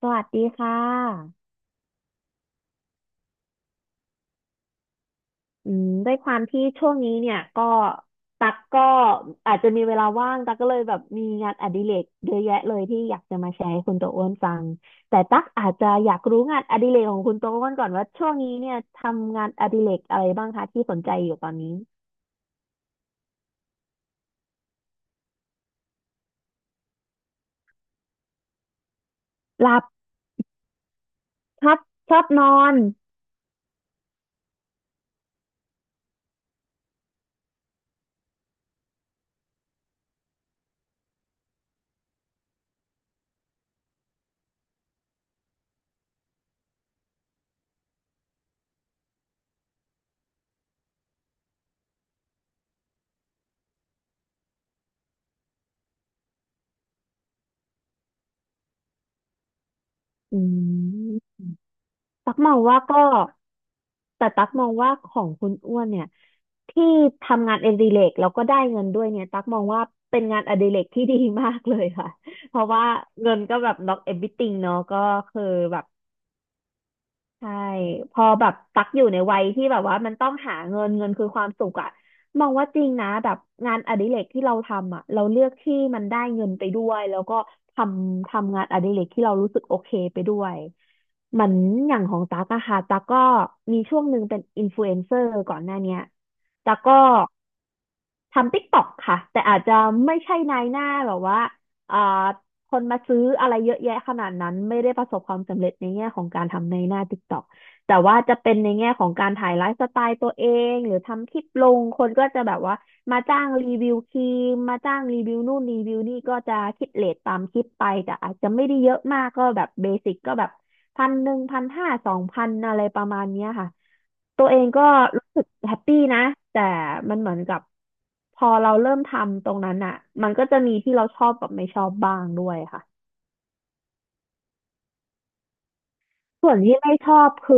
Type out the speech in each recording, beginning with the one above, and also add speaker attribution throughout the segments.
Speaker 1: สวัสดีค่ะด้วยความที่ช่วงนี้เนี่ยก็ตักก็อาจจะมีเวลาว่างตักก็เลยแบบมีงานอดิเรกเยอะแยะเลยที่อยากจะมาแชร์ให้คุณโตอ้วนฟังแต่ตักอาจจะอยากรู้งานอดิเรกของคุณโตอ้วนก่อนว่าช่วงนี้เนี่ยทำงานอดิเรกอะไรบ้างคะที่สนใจอยู่ตอนนี้หลับชอบชอบนอนอืม ตักมองว่าก็แต่ตักมองว่าของคุณอ้วนเนี่ยที่ทำงานอดิเรกแล้วก็ได้เงินด้วยเนี่ยตักมองว่าเป็นงานอดิเรกที่ดีมากเลยค่ะเพราะว่าเงินก็แบบ not everything เนาะก็คือแบบ ใช่พอแบบตักอยู่ในวัยที่แบบว่ามันต้องหาเงินเงินคือความสุขอะมองว่าจริงนะแบบงานอดิเรกที่เราทำอะเราเลือกที่มันได้เงินไปด้วยแล้วก็ททำงานอดิเรกที่เรารู้สึกโอเคไปด้วยเหมือนอย่างของตักอะค่ะตักก็มีช่วงหนึ่งเป็นอินฟลูเอนเซอร์ก่อนหน้าเนี้ยตักก็ทำติ๊กต็อกค่ะแต่อาจจะไม่ใช่นายหน้าแบบว่าเอ่อ คนมาซื้ออะไรเยอะแยะขนาดนั้นไม่ได้ประสบความสำเร็จในแง่ของการทำในหน้า TikTok แต่ว่าจะเป็นในแง่ของการถ่ายไลฟ์สไตล์ตัวเองหรือทำคลิปลงคนก็จะแบบว่ามาจ้างรีวิวครีมมาจ้างรีวิวนู่นรีวิวนี่ก็จะคิดเรทตามคลิปไปแต่อาจจะไม่ได้เยอะมากก็แบบเบสิกก็แบบ1,1001,5002,000อะไรประมาณเนี้ยค่ะ ตัวเองก็รู้สึกแฮปปี้นะแต่มันเหมือนกับพอเราเริ่มทำตรงนั้นอ่ะมันก็จะมีที่เราชอบกับไม่ชอบบ้างด้วยค่ะ ส่วนที่ไม่ชอบคือ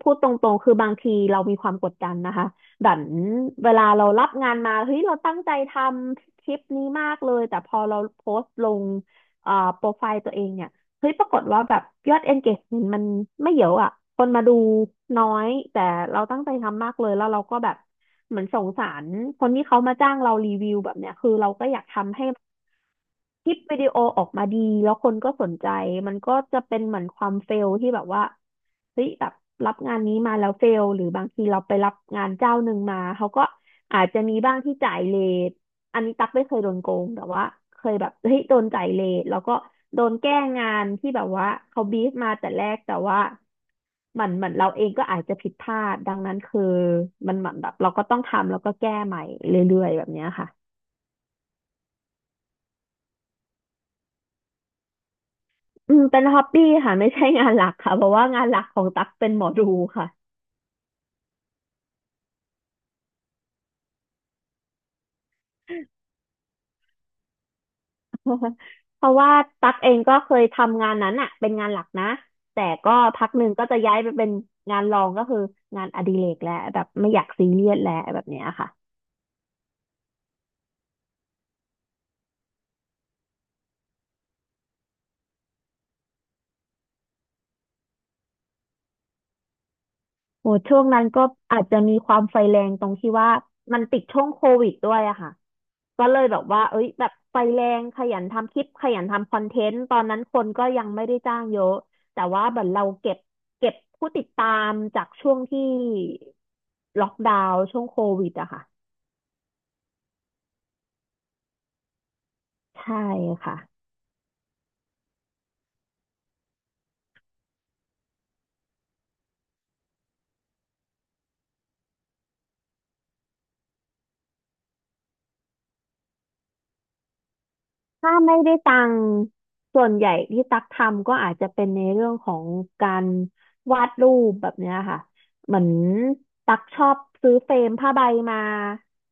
Speaker 1: พูดตรงๆ คือบางทีเรามีความกดดันนะคะดันเวลาเรารับงานมาเฮ้ยเราตั้งใจทำคลิปนี้มากเลยแต่พอเราโพสต์ลงโปรไฟล์ตัวเองเนี่ยเฮ้ยปรากฏว่าแบบยอด engagement มันไม่เยอะอ่ะคนมาดูน้อยแต่เราตั้งใจทำมากเลยแล้วเราก็แบบเหมือนสงสารคนที่เขามาจ้างเรารีวิวแบบเนี้ยคือเราก็อยากทำให้ คลิปวิดีโอออกมาดีแล้วคนก็สนใจมันก็จะเป็นเหมือนความเฟลที่แบบว่าเฮ้ยแบบรับงานนี้มาแล้วเฟลหรือบางทีเราไปรับงานเจ้าหนึ่งมาเขาก็อาจจะมีบ้างที่จ่ายเลทอันนี้ตั๊กไม่เคยโดนโกงแต่ว่าเคยแบบเฮ้ยโดนจ่ายเลทแล้วก็โดนแก้งานที่แบบว่าเขาบีฟมาแต่แรกแต่ว่าเหมือนเราเองก็อาจจะผิดพลาดดังนั้นคือมันเหมือนแบบเราก็ต้องทำแล้วก็แก้ใหม่เรื่อยๆแบบเนี้ยค่ะ อืมเป็นฮอบบี้ค่ะ ไม่ใช่งานหลักค่ะเพราะว่างานหลักของตั๊กเป็นหมอดูค่ะ เพราะว่าตั๊กเองก็เคยทำงานนั้นอ่ะเป็นงานหลักนะแต่ก็พักหนึ่งก็จะย้ายไปเป็นงานรองก็คืองานอดิเรกแล้วแบบไม่อยากซีเรียสแล้วแบบเนี้ยค่ะ โหช่วงนั้นก็อาจจะมีความไฟแรงตรงที่ว่ามันติดช่วงโควิดด้วยอะค่ะก็เลยแบบว่าเอ้ยแบบไฟแรงขยันทำคลิปขยันทำคอนเทนต์ตอนนั้นคนก็ยังไม่ได้จ้างเยอะแต่ว่าเหมือนเราเก็บผู้ติดตามจากช่วงที่ล็อกดาวน์ช่วงโควิดอะค่ะใช่ค่ะ ถ้าไม่ได้ตังค์ส่วนใหญ่ที่ตักทำก็อาจจะเป็นในเรื่องของการวาดรูปแบบเนี้ยค่ะเหมือนตักชอบซื้อเฟรมผ้าใบมา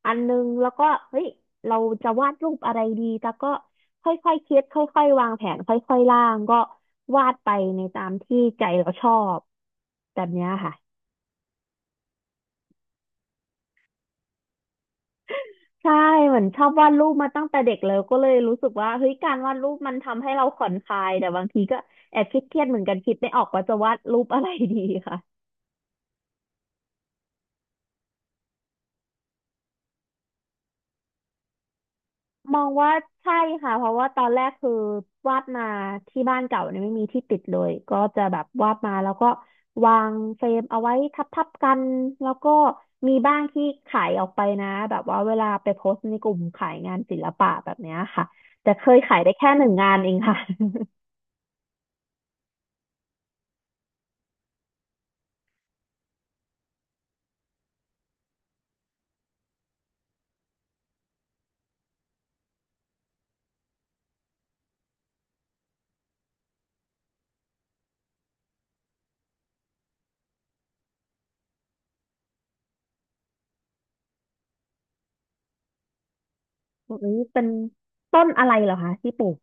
Speaker 1: อันนึงแล้วก็เฮ้ยเราจะวาดรูปอะไรดีตักก็ค่อยๆคิดค่อยๆวางแผนค่อยๆร่างก็วาดไปในตามที่ใจเราชอบแบบเนี้ยค่ะ ใช่เหมือนชอบวาดรูปมาตั้งแต่เด็กแล้วก็เลยรู้สึกว่าเฮ้ยการวาดรูปมันทำให้เราผ่อนคลายแต่บางทีก็แอบคิดเครียดเหมือนกันคิดไม่ออกว่าจะวาดรูปอะไรดีค่ะมองว่าใช่ค่ะเพราะว่าตอนแรกคือวาดมาที่บ้านเก่าเนี่ยไม่มีที่ติดเลยก็จะแบบวาดมาแล้วก็วางเฟรมเอาไว้ทับๆกันแล้วก็มีบ้างที่ขายออกไปนะแบบว่าเวลาไปโพสต์ในกลุ่มขายงานศิลปะแบบเนี้ยค่ะแต่เคยขายได้แค่หนึ่งงานเองค่ะ โอ้ยเป็นต้นอะไรเหรอคะที่ปลูก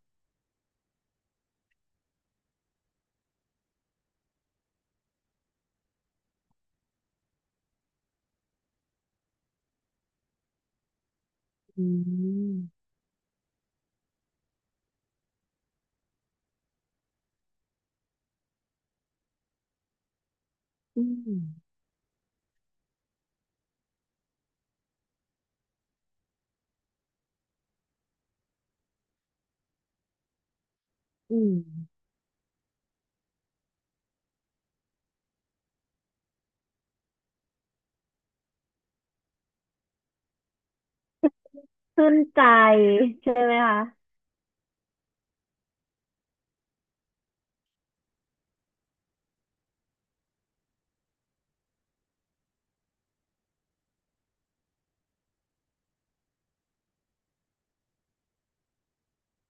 Speaker 1: อืมอืมอืมชื่นใจใช่ไหมคะ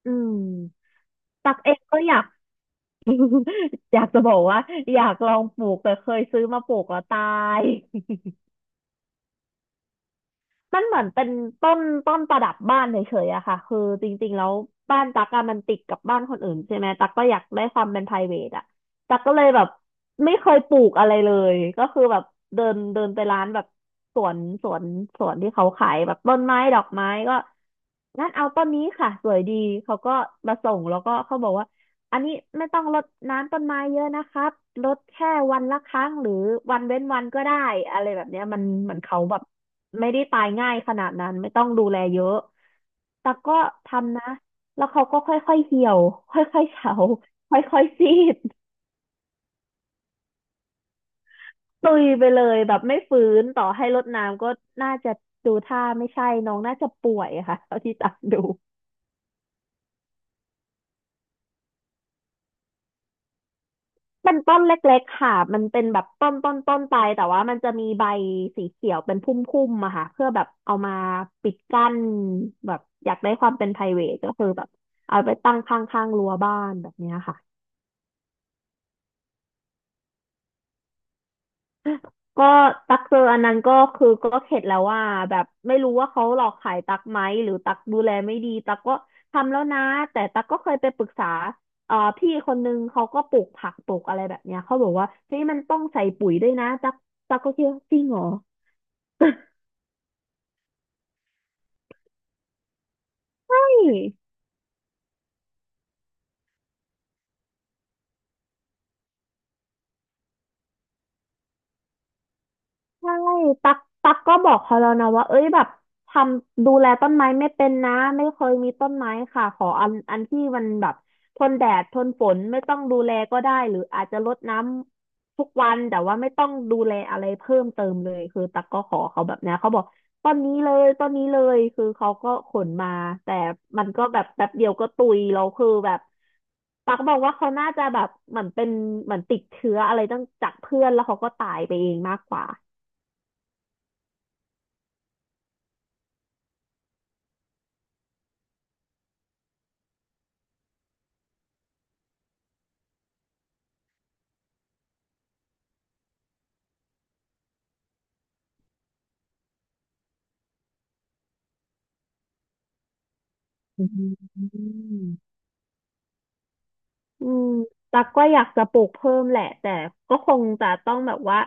Speaker 1: อืม ตักเองก็อยาก อยากจะบอกว่าอยากลองปลูกแต่เคยซื้อมาปลูกแล้วตาย มันเหมือนเป็นต้นประดับบ้านเฉยๆอะค่ะคือจริงๆแล้วบ้านตั๊กอะมันติดกับบ้านคนอื่นใช่ไหมตั๊กก็อยากได้ความเป็น private อะตั๊กก็เลยแบบไม่เคยปลูกอะไรเลยก็คือแบบเดินเดินไปร้านแบบสวนสวนสวนที่เขาขายแบบต้นไม้ดอกไม้ก็งั้นเอาต้นนี้ค่ะสวยดีเขาก็มาส่งแล้วก็เขาบอกว่า อันนี้ไม่ต้องรดน้ำต้นไม้เยอะนะครับรดแค่วันละครั้งหรือวันเว้นวันก็ได้อะไรแบบเนี้ยมันเหมือนเขาแบบไม่ได้ตายง่ายขนาดนั้นไม่ต้องดูแลเยอะแต่ก็ทำนะแล้วเขาก็ค่อยๆเหี่ยวค่อยๆเฉาค่อยๆซีดตุยไปเลยแบบไม่ฟื้นต่อให้รดน้ำก็น่าจะดูท่าไม่ใช่น้องน่าจะป่วยค่ะเท่าที่ตามดู เป็นต้นเล็กๆค่ะมันเป็นแบบต้นไปแต่ว่ามันจะมีใบสีเขียวเป็นพุ่มๆอะค่ะเพื่อแบบเอามาปิดกั้นแบบอยากได้ความเป็น private ก็คือแบบเอาไปตั้งข้างๆรั้วบ้านแบบเนี้ยค่ะก็ตักเจออันนั้นก็คือก็เข็ดแล้วว่าแบบไม่รู้ว่าเขาหลอกขายตักไหมหรือตักดูแลไม่ดีตักก็ทำแล้วนะแต่ตักก็เคยไปปรึกษาพี่คนนึงเขาก็ปลูกผักปลูกอะไรแบบเนี้ยเขาบอกว่าเฮ้ยมันต้องใส่ปุ๋ยด้วยนะตักก็คิดว่าจริงเหรอ ย ใช่ตักก็บอกเขาแล้วนะว่าเอ้ยแบบทำดูแลต้นไม้ไม่เป็นนะไม่เคยมีต้นไม้ค่ะขออันที่มันแบบทนแดดทนฝนไม่ต้องดูแลก็ได้หรืออาจจะรดน้ำทุกวันแต่ว่าไม่ต้องดูแลอะไรเพิ่มเติมเลยคือตักก็ขอเขาแบบนี้เขาบอกต้นนี้เลยคือเขาก็ขนมาแต่มันก็แบบแป๊บเดียวก็ตุยเราคือแบบตักบอกว่าเขาน่าจะแบบเหมือนเป็นเหมือนติดเชื้ออะไรตั้งจากเพื่อนแล้วเขาก็ตายไปเองมากกว่า อืมอืมตักก็อยากจะปลูกเพิ่มแหละแต่ก็คงจะต้องแบบว่า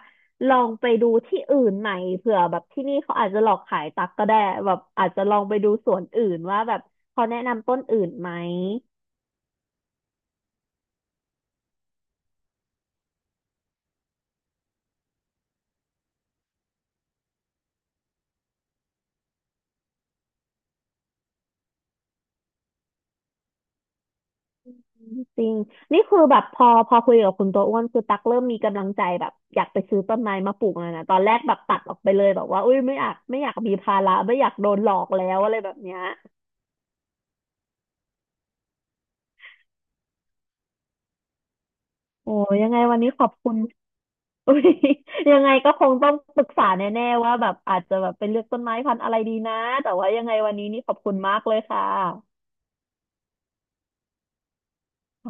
Speaker 1: ลองไปดูที่อื่นใหม่เผื่อแบบที่นี่เขาอาจจะหลอกขายตักก็ได้แบบอาจจะลองไปดูสวนอื่นว่าแบบเขาแนะนำต้นอื่นไหมจริงนี่คือแบบพอคุยกับคุณตัวอ้วนคือตักเริ่มมีกำลังใจแบบอยากไปซื้อต้นไม้มาปลูกแล้วนะตอนแรกแบบตัดออกไปเลยแบบว่าอุ้ยไม่อยากมีภาระไม่อยากโดนหลอกแล้วอะไรแบบเนี้ยโอ้ยังไงวันนี้ขอบคุณ อุ๊ย ยังไงก็คงต้องปรึกษาแน่ๆว่าแบบอาจจะแบบไปเลือกต้นไม้พันธุ์อะไรดีนะแต่ว่ายังไงวันนี้นี่ขอบคุณมากเลยค่ะอ๋อ